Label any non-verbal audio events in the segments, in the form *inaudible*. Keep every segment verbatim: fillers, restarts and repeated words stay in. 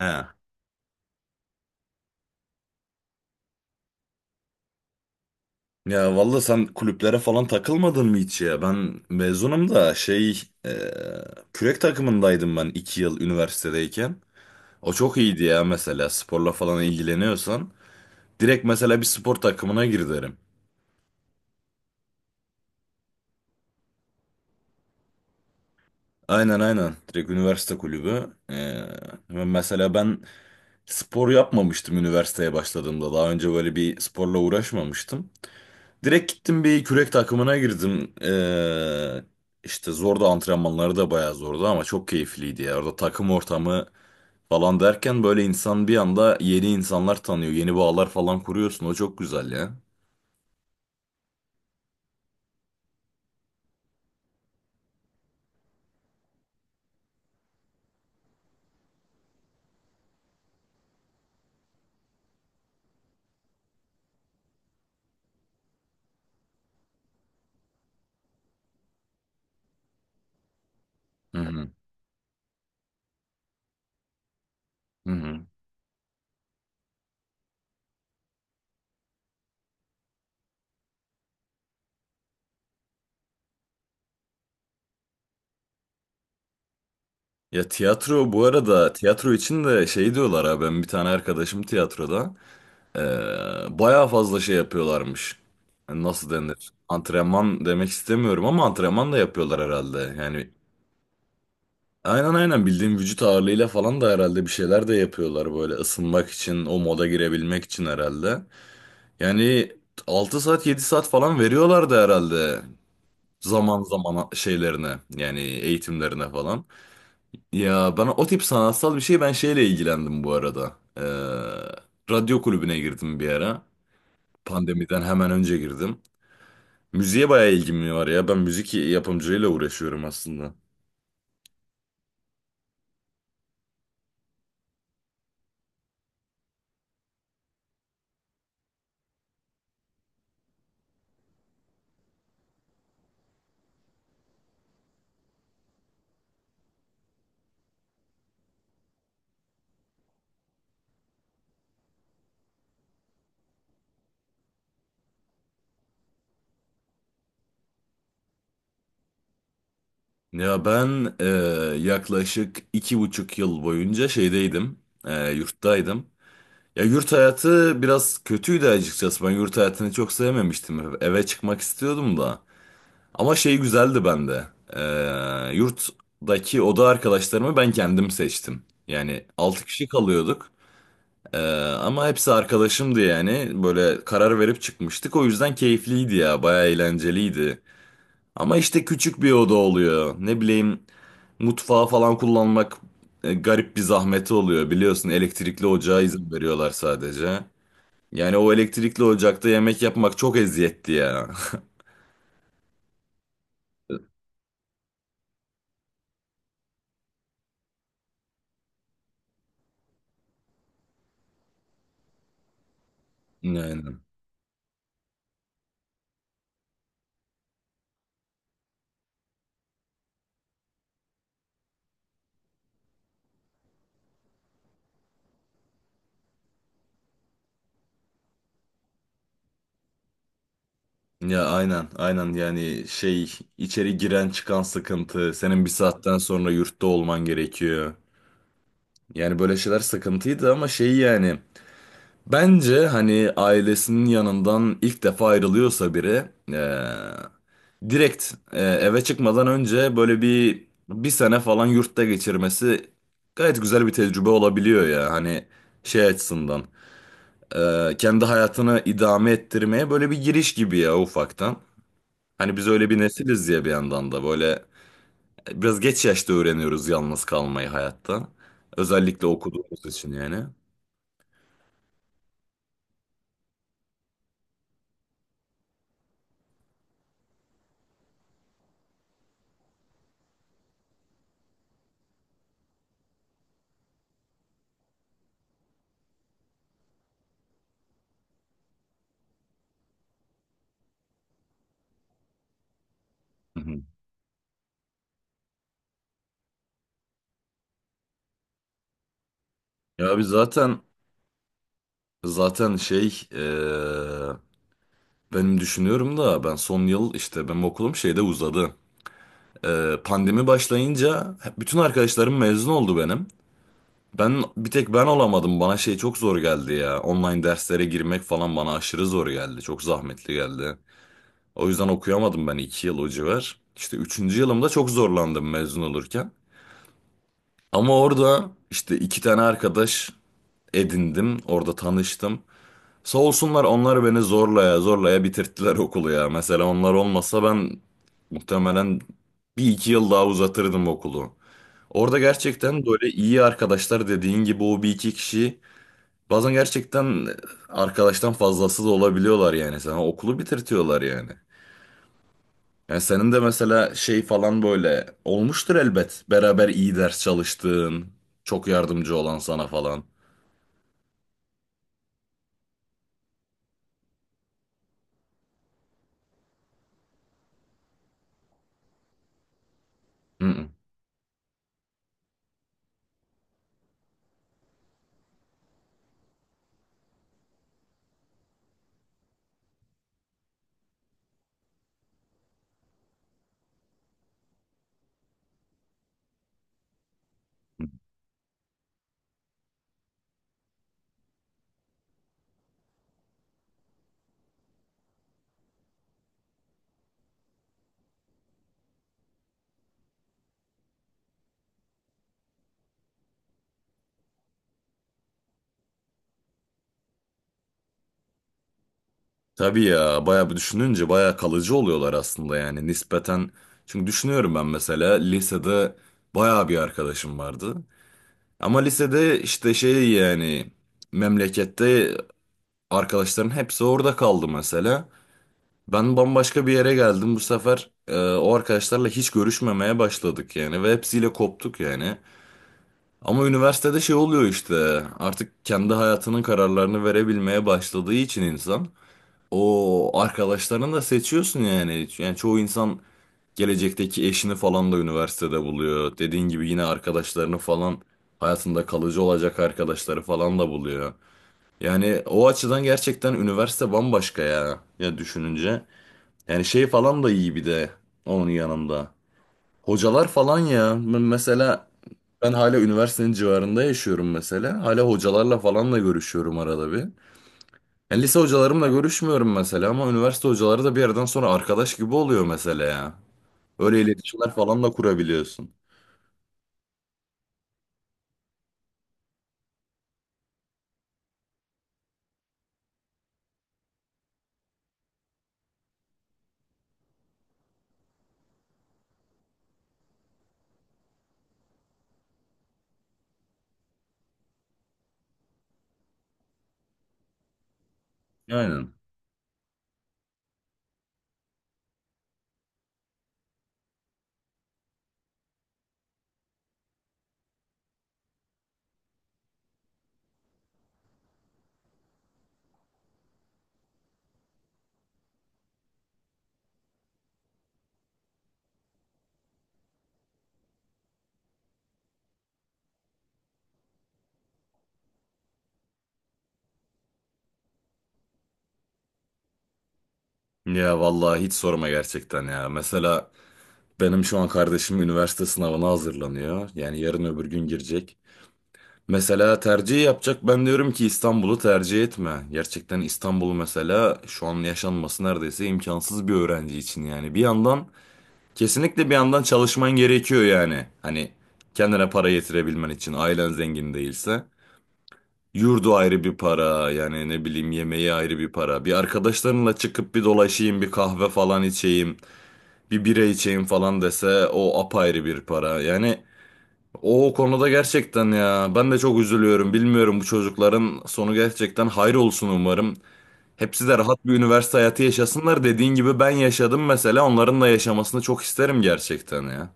He. Ya valla, sen kulüplere falan takılmadın mı hiç ya? Ben mezunum da şey e, kürek takımındaydım ben iki yıl üniversitedeyken. O çok iyiydi ya, mesela sporla falan ilgileniyorsan. Direkt mesela bir spor takımına gir derim. Aynen, aynen, direkt üniversite kulübü. E, ve mesela ben spor yapmamıştım üniversiteye başladığımda. Daha önce böyle bir sporla uğraşmamıştım. Direkt gittim, bir kürek takımına girdim. Ee, işte zordu, antrenmanları da bayağı zordu ama çok keyifliydi ya. Orada takım ortamı falan derken böyle insan bir anda yeni insanlar tanıyor. Yeni bağlar falan kuruyorsun. O çok güzel ya. Hı hı. Hı hı. Ya tiyatro, bu arada tiyatro için de şey diyorlar, ha, ben bir tane arkadaşım tiyatroda ee, bayağı fazla şey yapıyorlarmış. Yani, nasıl denir? Antrenman demek istemiyorum ama antrenman da yapıyorlar herhalde. Yani aynen, aynen, bildiğim vücut ağırlığıyla falan da herhalde bir şeyler de yapıyorlar böyle, ısınmak için, o moda girebilmek için herhalde. Yani altı saat yedi saat falan veriyorlardı herhalde, zaman zaman şeylerine, yani eğitimlerine falan. Ya bana o tip sanatsal bir şey, ben şeyle ilgilendim bu arada. Ee, radyo kulübüne girdim bir ara, pandemiden hemen önce girdim. Müziğe bayağı ilgim var ya, ben müzik yapımcılığıyla uğraşıyorum aslında. Ya ben e, yaklaşık iki buçuk yıl boyunca şeydeydim, e, yurttaydım. Ya yurt hayatı biraz kötüydü açıkçası. Ben yurt hayatını çok sevmemiştim. Eve çıkmak istiyordum da. Ama şey güzeldi bende. E, yurttaki oda arkadaşlarımı ben kendim seçtim. Yani altı kişi kalıyorduk. E, Ama hepsi arkadaşımdı yani. Böyle karar verip çıkmıştık. O yüzden keyifliydi ya. Bayağı eğlenceliydi. Ama işte küçük bir oda oluyor. Ne bileyim, mutfağı falan kullanmak e, garip bir zahmeti oluyor, biliyorsun. Elektrikli ocağa, evet, izin veriyorlar sadece. Yani o elektrikli ocakta yemek yapmak çok eziyetli ya. *laughs* Aynen. Ya aynen, aynen, yani şey, içeri giren çıkan sıkıntı, senin bir saatten sonra yurtta olman gerekiyor. Yani böyle şeyler sıkıntıydı ama şey, yani, bence hani ailesinin yanından ilk defa ayrılıyorsa biri, eee, direkt eee, eve çıkmadan önce böyle bir bir sene falan yurtta geçirmesi gayet güzel bir tecrübe olabiliyor ya, hani şey açısından, eee, kendi hayatını idame ettirmeye böyle bir giriş gibi ya, ufaktan. Hani biz öyle bir nesiliz ya, bir yandan da böyle biraz geç yaşta öğreniyoruz yalnız kalmayı hayatta, özellikle okuduğumuz için yani. Hı hı. Ya biz zaten, Zaten şey eee, benim düşünüyorum da, ben son yıl, işte benim okulum şeyde uzadı. Eee, pandemi başlayınca hep- bütün arkadaşlarım mezun oldu benim. Ben bir tek ben olamadım. Bana şey çok zor geldi ya. Online derslere girmek falan bana aşırı zor geldi. Çok zahmetli geldi. O yüzden okuyamadım ben iki yıl o civar. İşte üçüncü yılımda çok zorlandım mezun olurken. Ama orada işte iki tane arkadaş edindim. Orada tanıştım. Sağ olsunlar, onlar beni zorlaya zorlaya bitirttiler okulu ya. Mesela onlar olmasa ben muhtemelen bir iki yıl daha uzatırdım okulu. Orada gerçekten böyle iyi arkadaşlar, dediğin gibi, o bir iki kişi bazen gerçekten arkadaştan fazlası da olabiliyorlar yani, sana okulu bitirtiyorlar yani. Yani senin de mesela şey falan böyle olmuştur elbet. Beraber iyi ders çalıştığın, çok yardımcı olan sana falan. Hı hı. Tabii ya, bayağı bir düşününce bayağı kalıcı oluyorlar aslında yani, nispeten. Çünkü düşünüyorum, ben mesela lisede bayağı bir arkadaşım vardı. Ama lisede işte şey yani, memlekette arkadaşların hepsi orada kaldı mesela. Ben bambaşka bir yere geldim bu sefer, e, o arkadaşlarla hiç görüşmemeye başladık yani ve hepsiyle koptuk yani. Ama üniversitede şey oluyor işte, artık kendi hayatının kararlarını verebilmeye başladığı için insan. O arkadaşlarını da seçiyorsun yani. Yani çoğu insan gelecekteki eşini falan da üniversitede buluyor. Dediğin gibi yine arkadaşlarını falan, hayatında kalıcı olacak arkadaşları falan da buluyor. Yani o açıdan gerçekten üniversite bambaşka ya. Ya düşününce. Yani şey falan da iyi, bir de onun yanında. Hocalar falan ya. Ben Mesela ben hala üniversitenin civarında yaşıyorum mesela. Hala hocalarla falan da görüşüyorum arada bir. Ya lise hocalarımla görüşmüyorum mesela ama üniversite hocaları da bir yerden sonra arkadaş gibi oluyor mesela ya. Öyle iletişimler falan da kurabiliyorsun. Aynen. Ya vallahi hiç sorma gerçekten ya. Mesela benim şu an kardeşim üniversite sınavına hazırlanıyor. Yani yarın öbür gün girecek. Mesela tercih yapacak. Ben diyorum ki İstanbul'u tercih etme. Gerçekten İstanbul mesela şu an yaşanması neredeyse imkansız bir öğrenci için yani. Bir yandan Kesinlikle bir yandan çalışman gerekiyor yani. Hani kendine para getirebilmen için, ailen zengin değilse. Yurdu ayrı bir para yani, ne bileyim, yemeği ayrı bir para. Bir, arkadaşlarınla çıkıp bir dolaşayım, bir kahve falan içeyim, bir bira içeyim falan dese, o apayrı bir para. Yani o konuda gerçekten ya, ben de çok üzülüyorum, bilmiyorum, bu çocukların sonu gerçekten hayır olsun umarım. Hepsi de rahat bir üniversite hayatı yaşasınlar, dediğin gibi ben yaşadım mesela, onların da yaşamasını çok isterim gerçekten ya.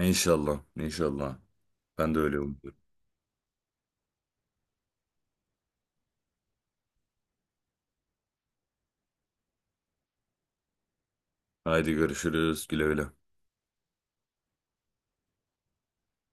İnşallah, inşallah. Ben de öyle umuyorum. Haydi görüşürüz. Güle güle.